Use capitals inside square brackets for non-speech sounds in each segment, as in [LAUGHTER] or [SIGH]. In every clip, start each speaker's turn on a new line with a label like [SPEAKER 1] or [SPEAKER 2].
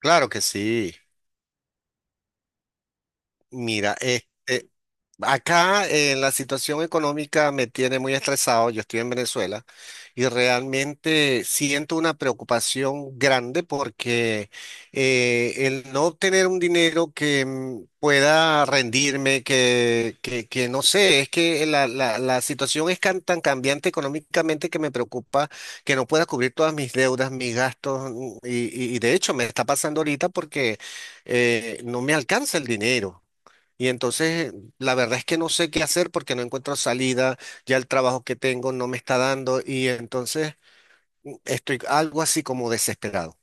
[SPEAKER 1] Claro que sí. Mira, este, Acá, la situación económica me tiene muy estresado. Yo estoy en Venezuela y realmente siento una preocupación grande porque el no obtener un dinero que pueda rendirme, que no sé, es que la situación es tan cambiante económicamente, que me preocupa que no pueda cubrir todas mis deudas, mis gastos, y de hecho me está pasando ahorita porque no me alcanza el dinero. Y entonces, la verdad es que no sé qué hacer porque no encuentro salida. Ya el trabajo que tengo no me está dando, y entonces estoy algo así como desesperado.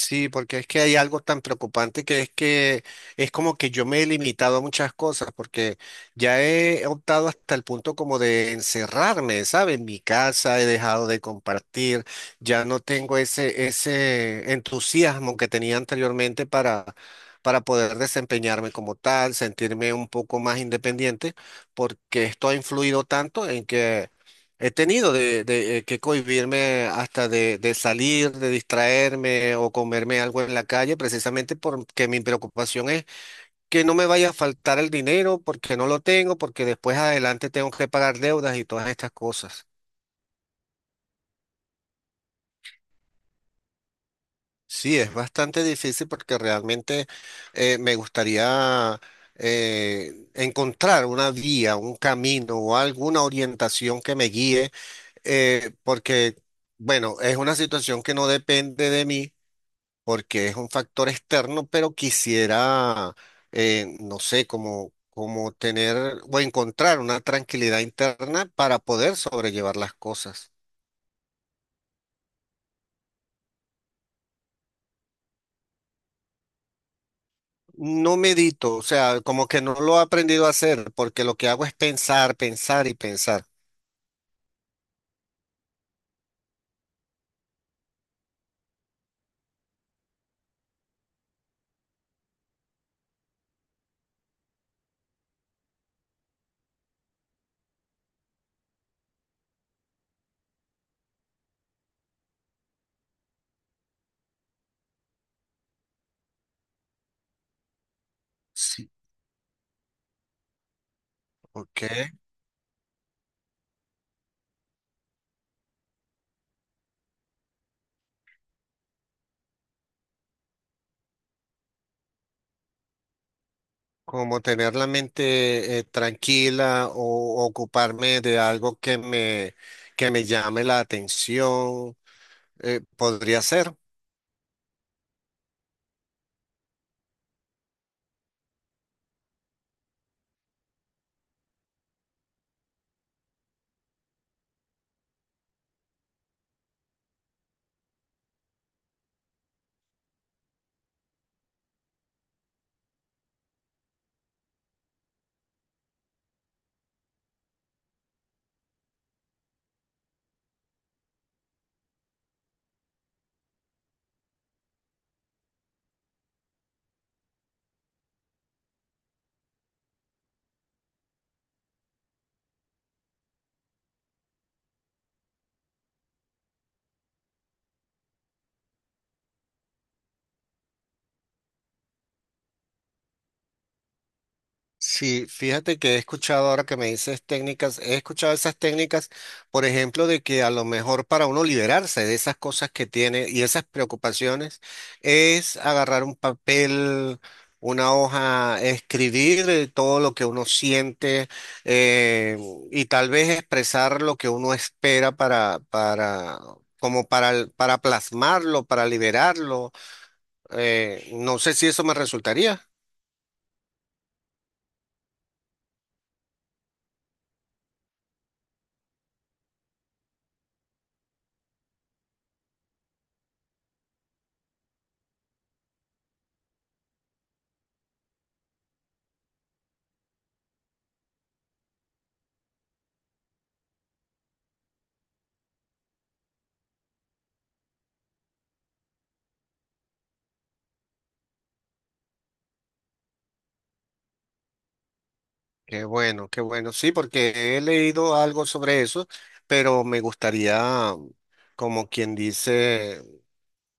[SPEAKER 1] Sí, porque es que hay algo tan preocupante, que es como que yo me he limitado a muchas cosas, porque ya he optado hasta el punto como de encerrarme, ¿sabes? En mi casa he dejado de compartir. Ya no tengo ese entusiasmo que tenía anteriormente para poder desempeñarme como tal, sentirme un poco más independiente, porque esto ha influido tanto en que he tenido que cohibirme hasta de salir, de distraerme o comerme algo en la calle, precisamente porque mi preocupación es que no me vaya a faltar el dinero, porque no lo tengo, porque después adelante tengo que pagar deudas y todas estas cosas. Sí, es bastante difícil, porque realmente me gustaría encontrar una vía, un camino o alguna orientación que me guíe, porque, bueno, es una situación que no depende de mí porque es un factor externo, pero quisiera, no sé, como, como tener o encontrar una tranquilidad interna para poder sobrellevar las cosas. No medito, o sea, como que no lo he aprendido a hacer, porque lo que hago es pensar, pensar y pensar. Sí. Ok, como tener la mente tranquila, o ocuparme de algo que que me llame la atención, podría ser. Sí, fíjate que he escuchado ahora que me dices técnicas, he escuchado esas técnicas, por ejemplo, de que a lo mejor para uno liberarse de esas cosas que tiene y esas preocupaciones, es agarrar un papel, una hoja, escribir todo lo que uno siente, eh, y tal vez expresar lo que uno espera para, como para plasmarlo, para liberarlo. No sé si eso me resultaría. Qué bueno, qué bueno. Sí, porque he leído algo sobre eso, pero me gustaría, como quien dice,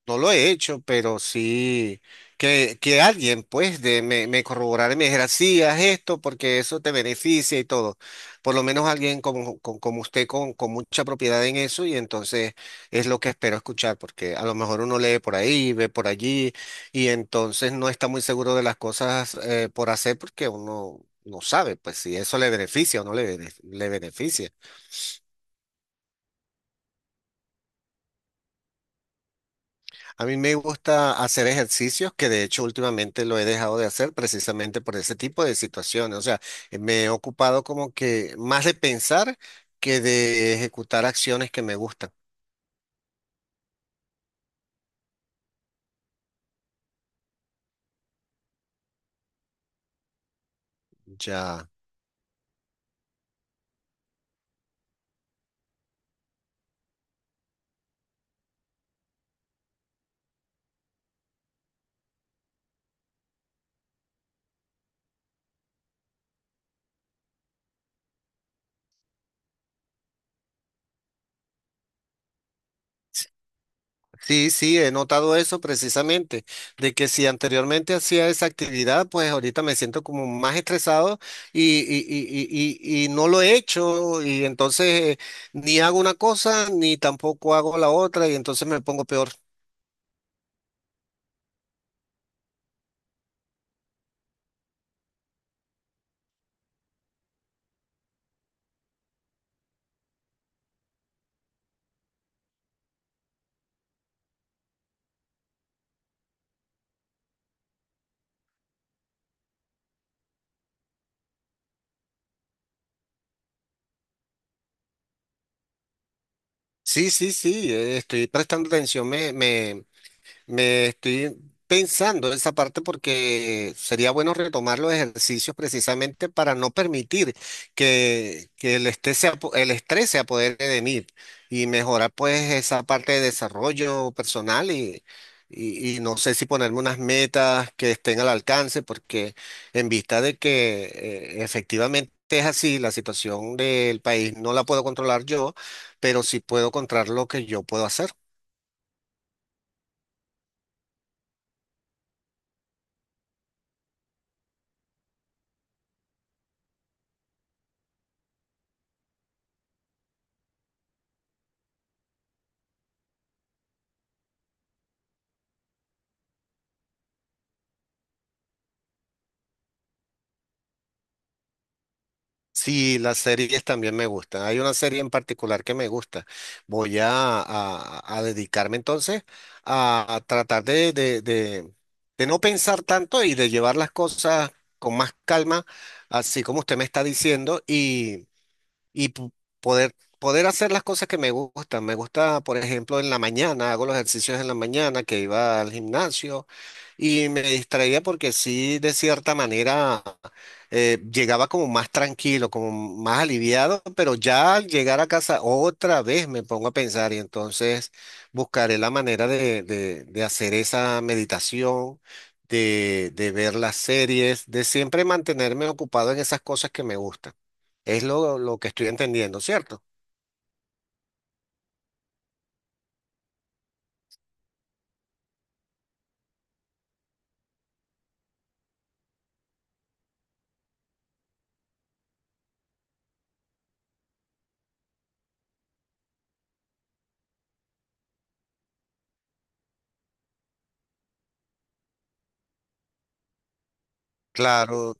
[SPEAKER 1] no lo he hecho, pero sí que alguien pues de, me corroborara y me dijera: sí, haz esto porque eso te beneficia y todo. Por lo menos alguien como, como usted con mucha propiedad en eso, y entonces es lo que espero escuchar, porque a lo mejor uno lee por ahí, ve por allí y entonces no está muy seguro de las cosas por hacer, porque uno no sabe pues si eso le beneficia o no le beneficia. A mí me gusta hacer ejercicios, que de hecho últimamente lo he dejado de hacer precisamente por ese tipo de situaciones. O sea, me he ocupado como que más de pensar que de ejecutar acciones que me gustan. Ya. Sí, sí, he notado eso precisamente, de que si anteriormente hacía esa actividad, pues ahorita me siento como más estresado, y no lo he hecho, y entonces ni hago una cosa ni tampoco hago la otra, y entonces me pongo peor. Sí, sí, sí, estoy prestando atención. Me estoy pensando esa parte, porque sería bueno retomar los ejercicios precisamente para no permitir que el estrés el estrés se apodere de mí, y mejorar pues esa parte de desarrollo personal y, y no sé si ponerme unas metas que estén al alcance, porque en vista de que efectivamente es así, la situación del país no la puedo controlar yo, pero sí puedo controlar lo que yo puedo hacer. Sí, las series también me gustan. Hay una serie en particular que me gusta. A dedicarme entonces a tratar de no pensar tanto y de llevar las cosas con más calma, así como usted me está diciendo, y poder, poder hacer las cosas que me gustan. Me gusta, por ejemplo, en la mañana, hago los ejercicios en la mañana que iba al gimnasio y me distraía, porque sí, de cierta manera, llegaba como más tranquilo, como más aliviado, pero ya al llegar a casa otra vez me pongo a pensar, y entonces buscaré la manera de hacer esa meditación. De ver las series, de siempre mantenerme ocupado en esas cosas que me gustan. Es lo que estoy entendiendo, ¿cierto? Claro,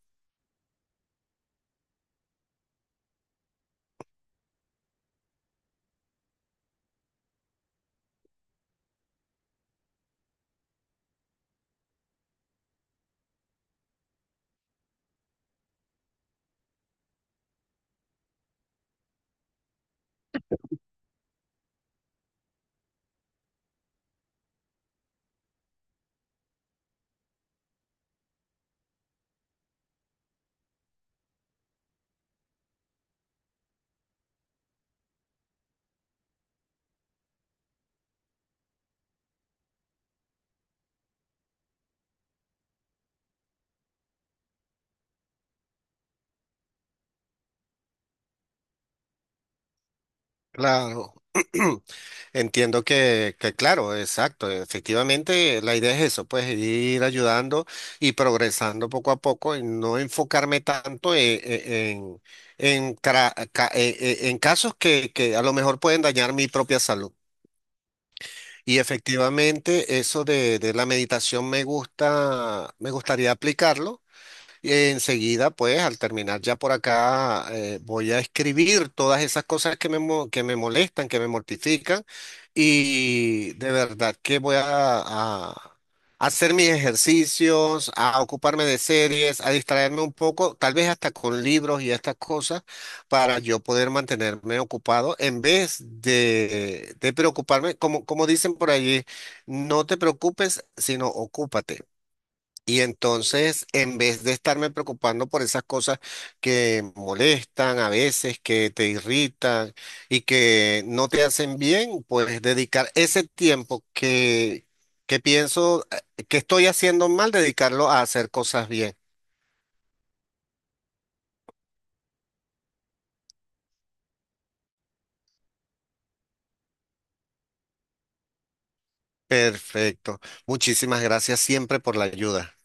[SPEAKER 1] claro. [CLEARS THROAT] Entiendo que claro, exacto. Efectivamente, la idea es eso, pues ir ayudando y progresando poco a poco, y no enfocarme tanto en, en casos que a lo mejor pueden dañar mi propia salud. Y efectivamente, eso de la meditación me gusta, me gustaría aplicarlo. Enseguida, pues, al terminar ya por acá, voy a escribir todas esas cosas que que me molestan, que me mortifican, y de verdad que voy a hacer mis ejercicios, a ocuparme de series, a distraerme un poco, tal vez hasta con libros y estas cosas, para yo poder mantenerme ocupado en vez de preocuparme, como, como dicen por allí: no te preocupes, sino ocúpate. Y entonces, en vez de estarme preocupando por esas cosas que molestan a veces, que te irritan y que no te hacen bien, pues dedicar ese tiempo que pienso que estoy haciendo mal, dedicarlo a hacer cosas bien. Perfecto. Muchísimas gracias siempre por la ayuda.